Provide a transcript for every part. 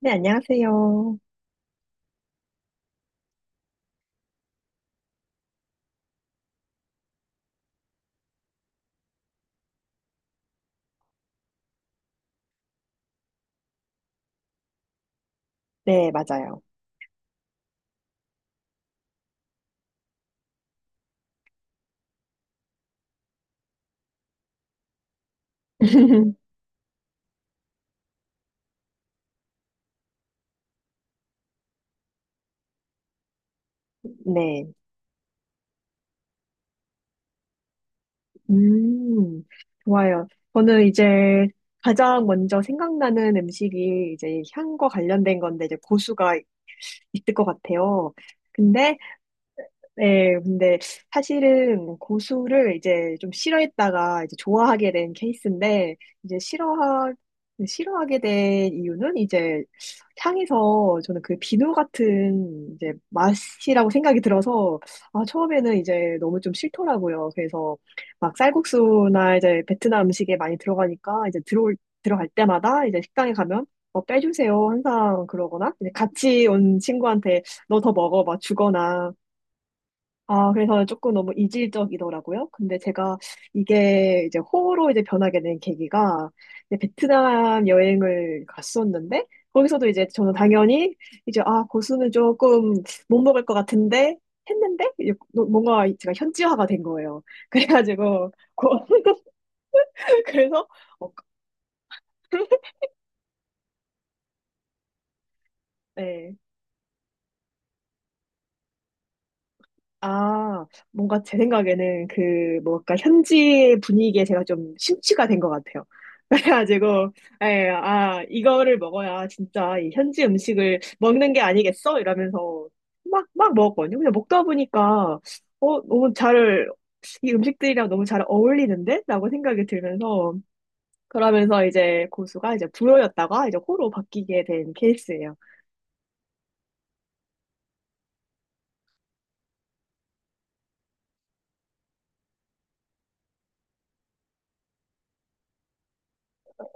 네, 안녕하세요. 네, 맞아요. 네. 음, 좋아요. 저는 이제 가장 먼저 생각나는 음식이 이제 향과 관련된 건데 이제 고수가 있을 것 같아요. 근데 네, 근데 사실은 고수를 이제 좀 싫어했다가 이제 좋아하게 된 케이스인데, 이제 싫어하게 된 이유는 이제 향에서 저는 그 비누 같은 이제 맛이라고 생각이 들어서, 아, 처음에는 이제 너무 좀 싫더라고요. 그래서 막 쌀국수나 이제 베트남 음식에 많이 들어가니까 이제 들어갈 때마다 이제 식당에 가면 뭐 빼주세요. 항상 그러거나, 이제 같이 온 친구한테 너 더 먹어. 막 주거나, 아, 그래서 조금 너무 이질적이더라고요. 근데 제가 이게 이제 호로 이제 변하게 된 계기가 이제 베트남 여행을 갔었는데 거기서도 이제 저는 당연히 이제 아, 고수는 조금 못 먹을 것 같은데 했는데 이제 뭐, 뭔가 제가 현지화가 된 거예요. 그래가지고 그래서 어, 네. 아, 뭔가 제 생각에는 그, 뭔가 현지 분위기에 제가 좀 심취가 된 것 같아요. 그래가지고, 예, 아, 이거를 먹어야 진짜 이 현지 음식을 먹는 게 아니겠어? 이러면서 막, 막 먹었거든요. 그냥 먹다 보니까, 어, 너무 잘, 이 음식들이랑 너무 잘 어울리는데? 라고 생각이 들면서, 그러면서 이제 고수가 이제 불호였다가 이제 호로 바뀌게 된 케이스예요.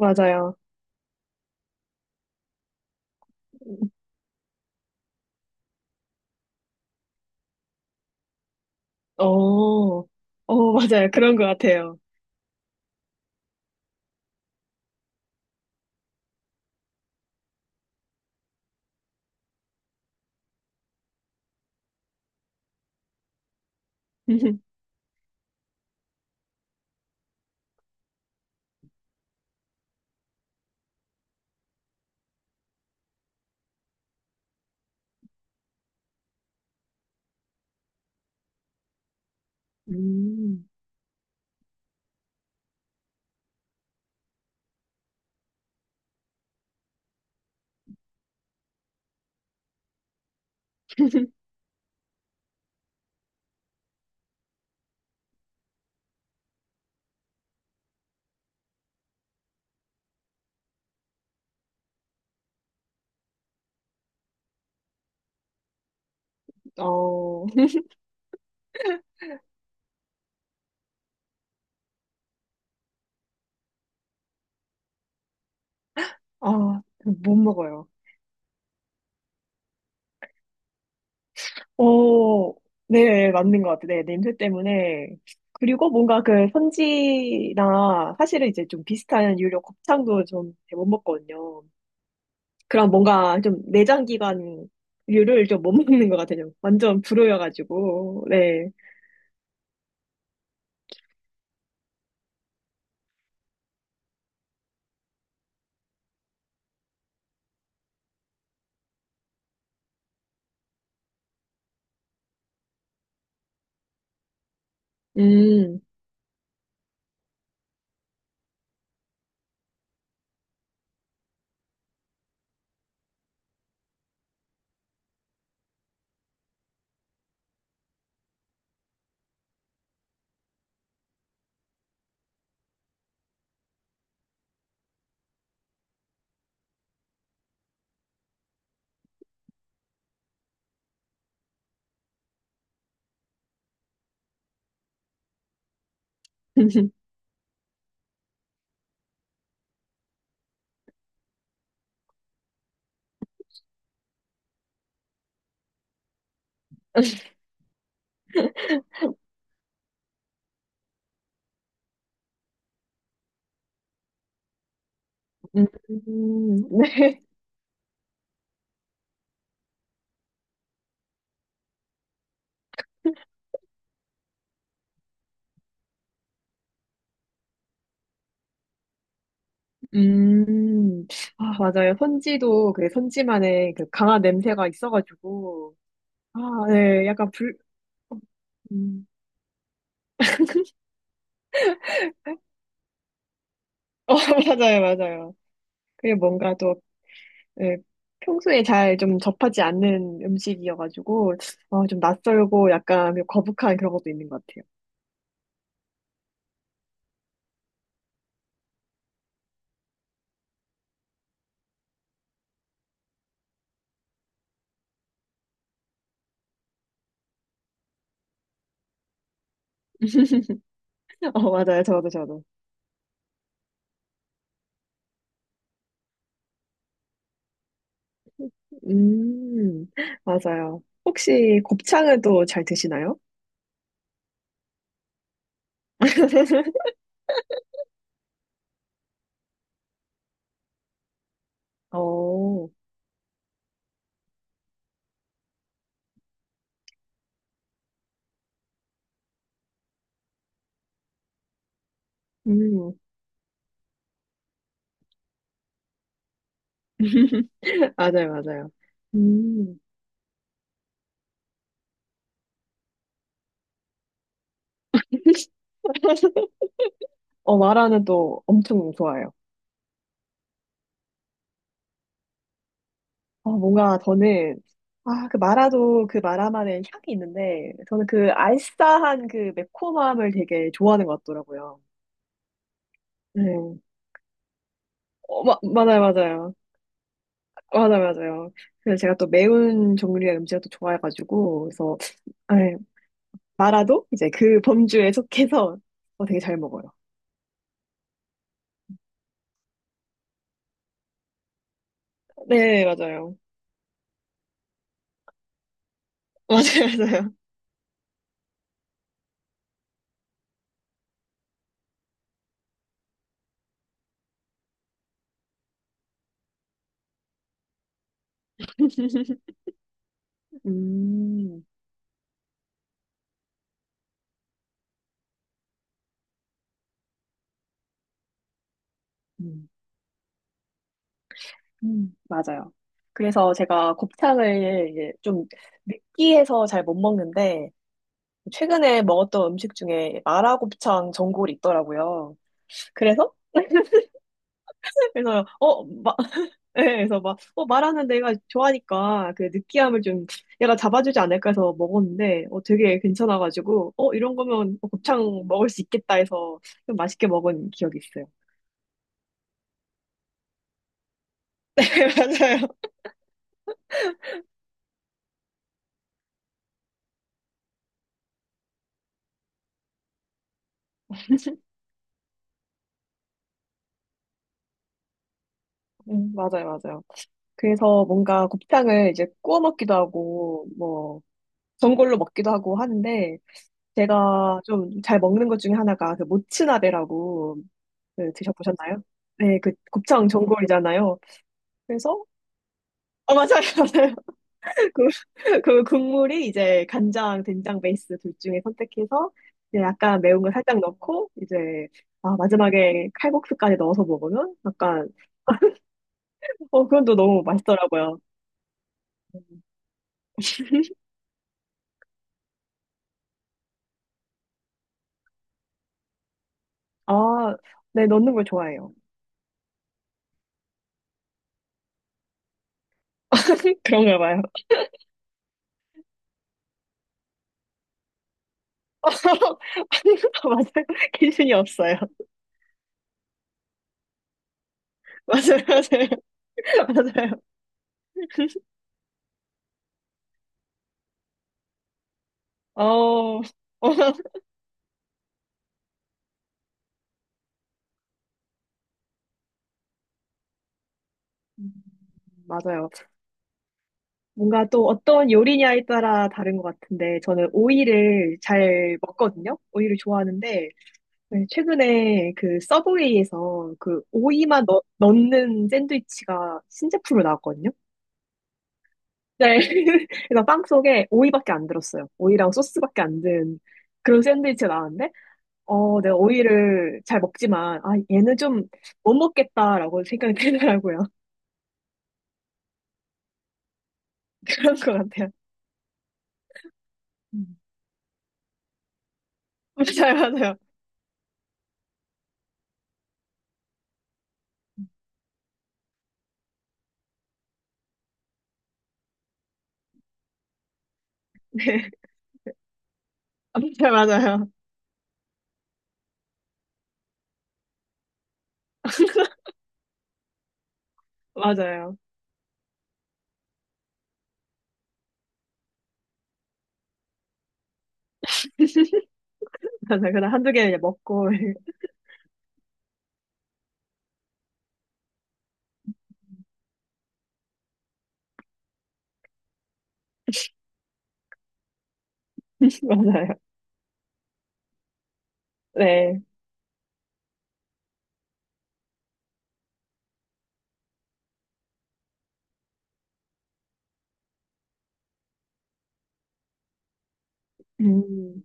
맞아요. 어, 어, 맞아요. 그런 것 같아요. 음. 어, 아, 못 먹어요. 어, 네, 맞는 것 같아요. 네, 냄새 때문에. 그리고 뭔가 그 선지나 사실은 이제 좀 비슷한 유료 곱창도 좀 못 먹거든요. 그런 뭔가 좀 내장기관류를 좀 못 먹는 것 같아요. 완전 불호여가지고. 네. 음. 음, 네. 음, 아, 맞아요. 선지도 그 선지만의 그 강한 냄새가 있어가지고, 아, 네, 어, 음, 네? 어, 맞아요, 맞아요. 그게 뭔가 또, 네, 평소에 잘 좀 접하지 않는 음식이어가지고, 어, 좀 낯설고 약간 좀 거북한 그런 것도 있는 것 같아요. 어, 맞아요. 저도, 저도. 음, 맞아요. 혹시 곱창은 또 잘 드시나요? 어, 음, 맞아요, 맞아요. 음. 어, 마라는 또 엄청 좋아해요. 어, 뭔가 저는, 아, 그 마라도 그 마라만의 향이 있는데, 저는 그 알싸한 그 매콤함을 되게 좋아하는 것 같더라고요. 네. 어, 마, 맞아요, 맞아요. 맞아요, 맞아요. 그래서 제가 또 매운 종류의 음식을 또 좋아해가지고, 그래서, 네, 마라도 이제 그 범주에 속해서 어, 되게 잘 먹어요. 네, 맞아요. 맞아요, 맞아요. 음, 음. 맞아요. 그래서 제가 곱창을 이제 좀 느끼해서 잘 못 먹는데, 최근에 먹었던 음식 중에 마라곱창 전골이 있더라고요. 그래서? 그래서, 네, 그래서 막, 어, 마라는 내가 좋아하니까 그 느끼함을 좀 얘가 잡아주지 않을까 해서 먹었는데, 어, 되게 괜찮아가지고, 어, 이런 거면 어, 곱창 먹을 수 있겠다 해서 좀 맛있게 먹은 기억이 있어요. 맞아요. 맞아요, 맞아요. 그래서 뭔가 곱창을 이제 구워 먹기도 하고, 뭐, 전골로 먹기도 하고 하는데, 제가 좀 잘 먹는 것 중에 하나가 그 모츠나베라고 그 드셔보셨나요? 네, 그 곱창 전골이잖아요. 그래서, 어, 맞아요, 맞아요. 그 국물이 이제 간장, 된장 베이스 둘 중에 선택해서, 이제 약간 매운 걸 살짝 넣고, 이제, 아, 마지막에 칼국수까지 넣어서 먹으면 약간, 어, 그건 또 너무 맛있더라고요. 음. 아, 네, 넣는 걸 좋아해요. 그런가 봐요. 아, 맞아요. 기준이 없어요. 맞아요, 맞아요. 맞아요. 어, 어, 음, 맞아요. 뭔가 또 어떤 요리냐에 따라 다른 것 같은데, 저는 오이를 잘 먹거든요? 오이를 좋아하는데, 네, 최근에 그 서브웨이에서 그 오이만 넣는 샌드위치가 신제품으로 나왔거든요? 네. 그래서 빵 속에 오이밖에 안 들었어요. 오이랑 소스밖에 안 든 그런 샌드위치가 나왔는데, 어, 내가 오이를 잘 먹지만, 아, 얘는 좀 못 먹겠다라고 생각이 들더라고요. 그런 것 같아요. 음. 맞아요, 맞아요. 네. 맞아요, 맞아요. 맞아요. 맞아요. 그냥 한두 개 먹고, 맞아요. 네. 음,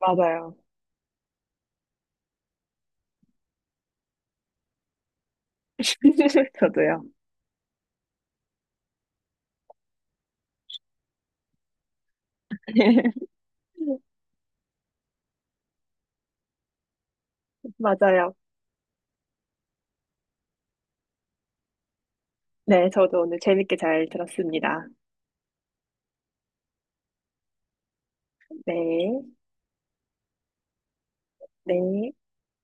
맞아요. 저도요. 맞아요. 네, 저도 오늘 재밌게 잘 들었습니다. 네, 네.